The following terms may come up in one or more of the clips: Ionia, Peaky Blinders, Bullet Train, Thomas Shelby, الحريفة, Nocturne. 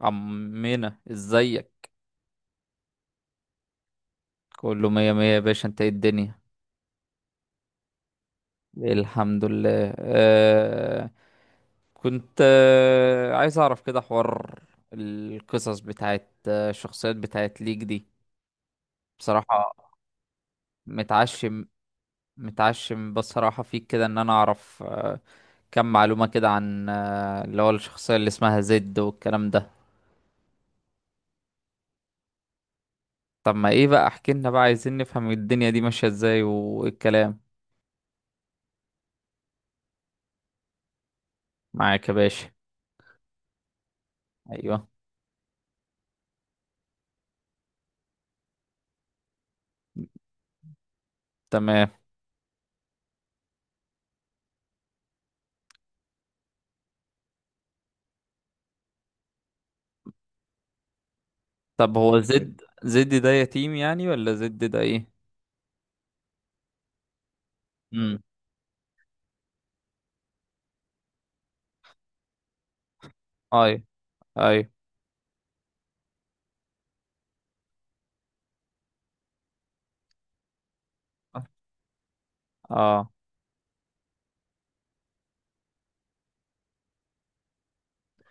عمنا، ازيك؟ كله مية مية يا باشا، انت ايه الدنيا؟ الحمد لله، آه. كنت عايز اعرف كده، حوار القصص بتاعت الشخصيات بتاعت ليك دي. بصراحة متعشم. متعشم بصراحة فيك كده ان انا اعرف كم معلومة كده عن اللي هو الشخصية اللي اسمها زد والكلام ده. طب ما ايه بقى، احكي لنا بقى. عايزين نفهم الدنيا دي ماشية ازاي والكلام. معاك يا باشا. ايوه. تمام. طب هو زد ده يتيم يعني، ولا زد ده ايه؟ امم. اي، اي. اه،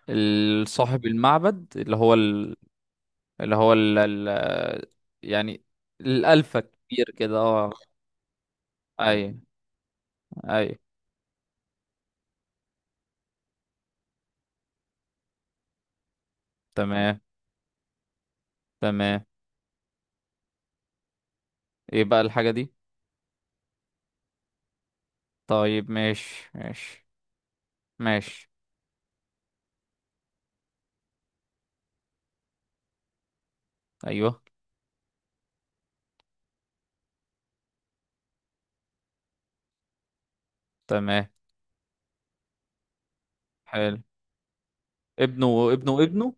صاحب المعبد اللي هو اللي هو يعني الالفا كبير كده، اه. اي، اي. تمام، تمام. ايه بقى الحاجة دي؟ طيب، ماشي ماشي. ماشي. ايوه. تمام. حلو. ابنه، ابنه، ابنه.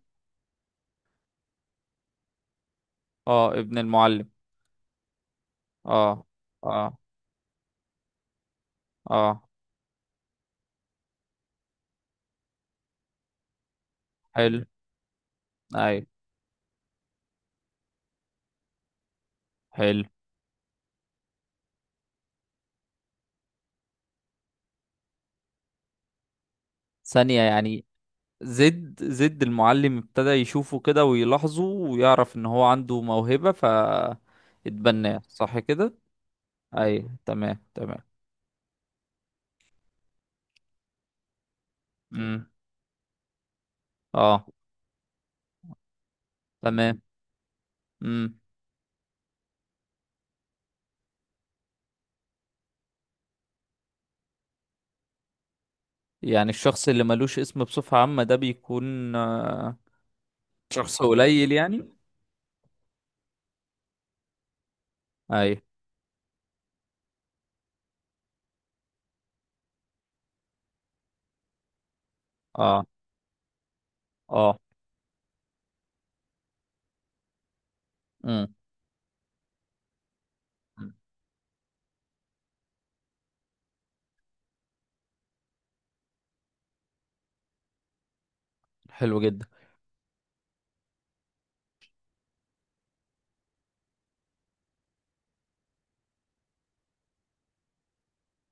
اه، ابن المعلم. اه. اه. اه. حلو. اي. حلو. ثانية يعني، زد المعلم ابتدى يشوفه كده ويلاحظه ويعرف ان هو عنده موهبة، ف اتبناه. صح كده؟ اي، تمام، تمام. امم. اه. تمام. امم. يعني الشخص اللي ملوش اسم بصفة عامة ده بيكون شخص قليل يعني. اي. اه، اه. امم. حلو جدا.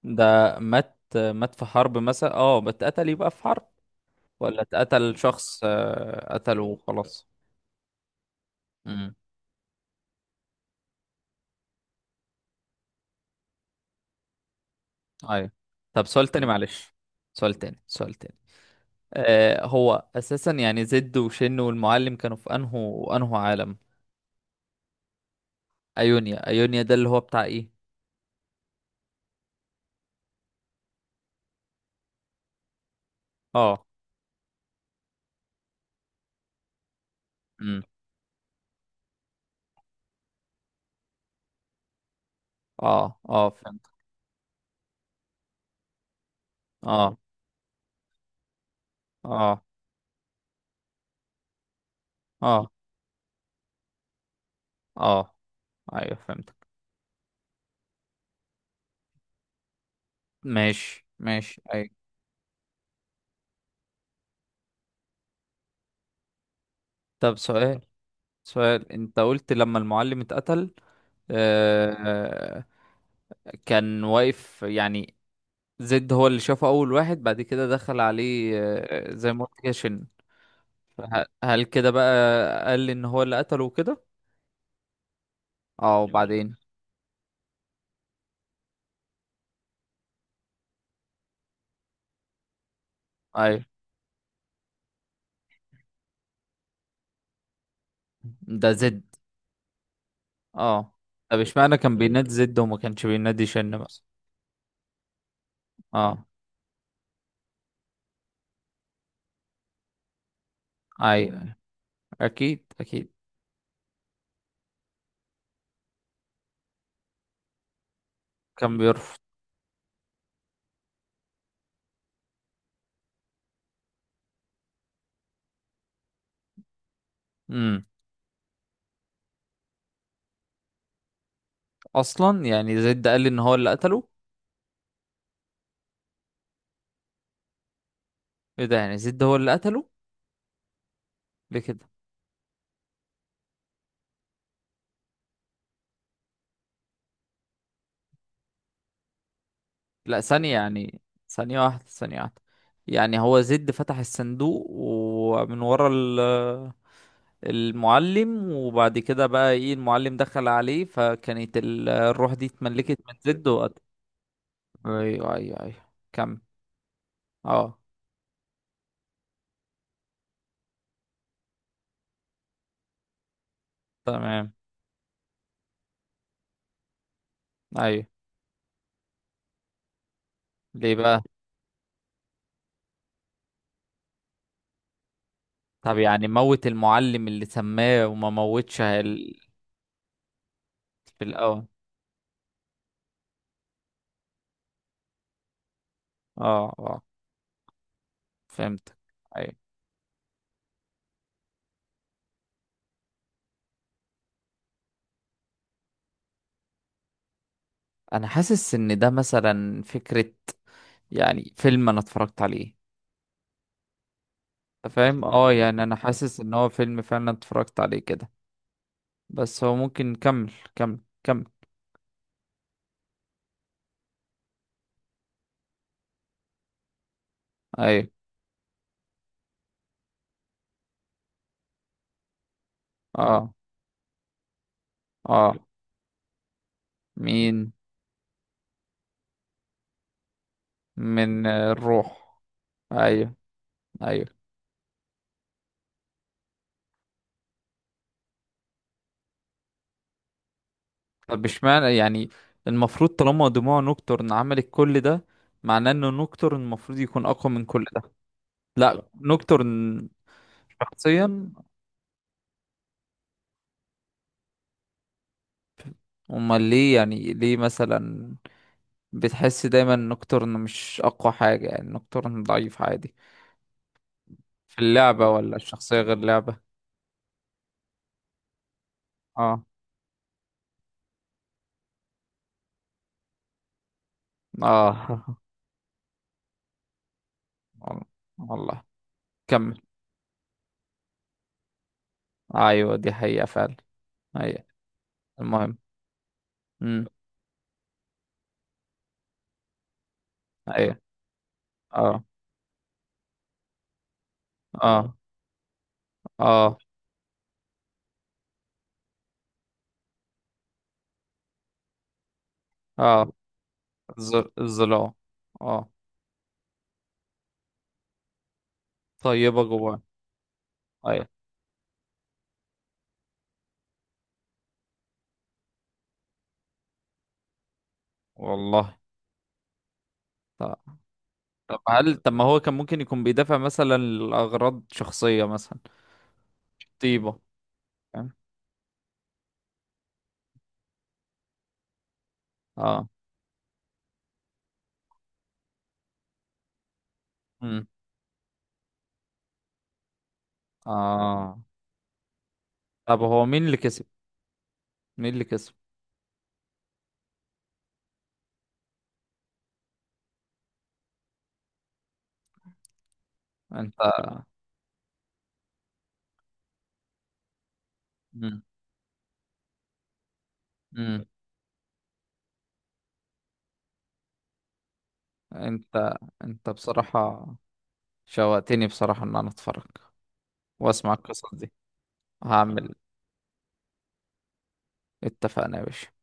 ده. مات؟ مات في حرب مثلا، اه؟ بتقتل يبقى في حرب، ولا اتقتل، شخص قتله وخلاص؟ مم. ايوه. طب سؤال تاني معلش. سؤال تاني، سؤال تاني. هو اساسا يعني زد وشن والمعلم كانوا في انهو عالم؟ ايونيا، ايونيا ده اللي هو بتاع ايه؟ اه. امم. اه، اه، فهمت. اه، اه، اه، اه، ايوه، فهمتك. ماشي ماشي، ايوه. طب سؤال. سؤال، انت قلت لما المعلم اتقتل. آه. كان واقف يعني. زد هو اللي شافه اول واحد، بعد كده دخل عليه زي ما قلت كده، شن. هل كده بقى قال لي ان هو اللي قتله وكده؟ اه، وبعدين؟ ايوه. ده زد. اه. طب اشمعنى كان بينادي زد وما كانش بينادي شن مثلا؟ اه. ايوه، اكيد اكيد. كان بيرفض. امم. اصلا يعني زد قال لي ان هو اللي قتله. ايه ده؟ يعني زد هو اللي قتله؟ ليه كده؟ لا، ثانية يعني، ثانية واحدة، ثانية واحدة. يعني هو زد فتح الصندوق ومن ورا المعلم، وبعد كده بقى ايه، المعلم دخل عليه، فكانت الروح دي اتملكت من زد وقت. ايوه، ايوه، ايوه. كم. اه. تمام. ايوه. ليه بقى؟ طب يعني موت المعلم اللي سماه، وما موتش في الاول. اه، اه، فهمت. انا حاسس ان ده مثلا فكرة، يعني فيلم انا اتفرجت عليه. أنت فاهم؟ اه، يعني انا حاسس ان هو فيلم فعلا اتفرجت عليه كده. بس هو ممكن نكمل. كمل، كمل. ايوه. اه. اه. مين؟ من الروح. ايوه. ايوه. طب اشمعنى يعني؟ المفروض طالما دموع نوكتورن عملت كل ده، معناه انه نوكتورن المفروض يكون اقوى من كل ده. لا، نوكتورن شخصيا، امال ليه يعني؟ ليه مثلا بتحس دايما ان نوكتورن مش اقوى حاجة؟ يعني نوكتورن ضعيف عادي في اللعبة، ولا الشخصية غير لعبة؟ اه، اه. والله. والله. كمل. ايوه، دي حقيقة فعلا. هي. المهم. امم. ايوه. اه، اه، اه، اه. الظلام. اه. طيبة جواه. ايوه. والله. طب. طب هل طب ما هو كان ممكن يكون بيدافع مثلا لأغراض شخصية مثلا؟ طيبة. فاهم؟ اه. امم. اه. طب هو مين اللي كسب؟ مين اللي كسب؟ انت. مم. مم. انت انت بصراحة شوقتني بصراحة ان انا اتفرج واسمع القصص دي. هعمل. اتفقنا يا باشا.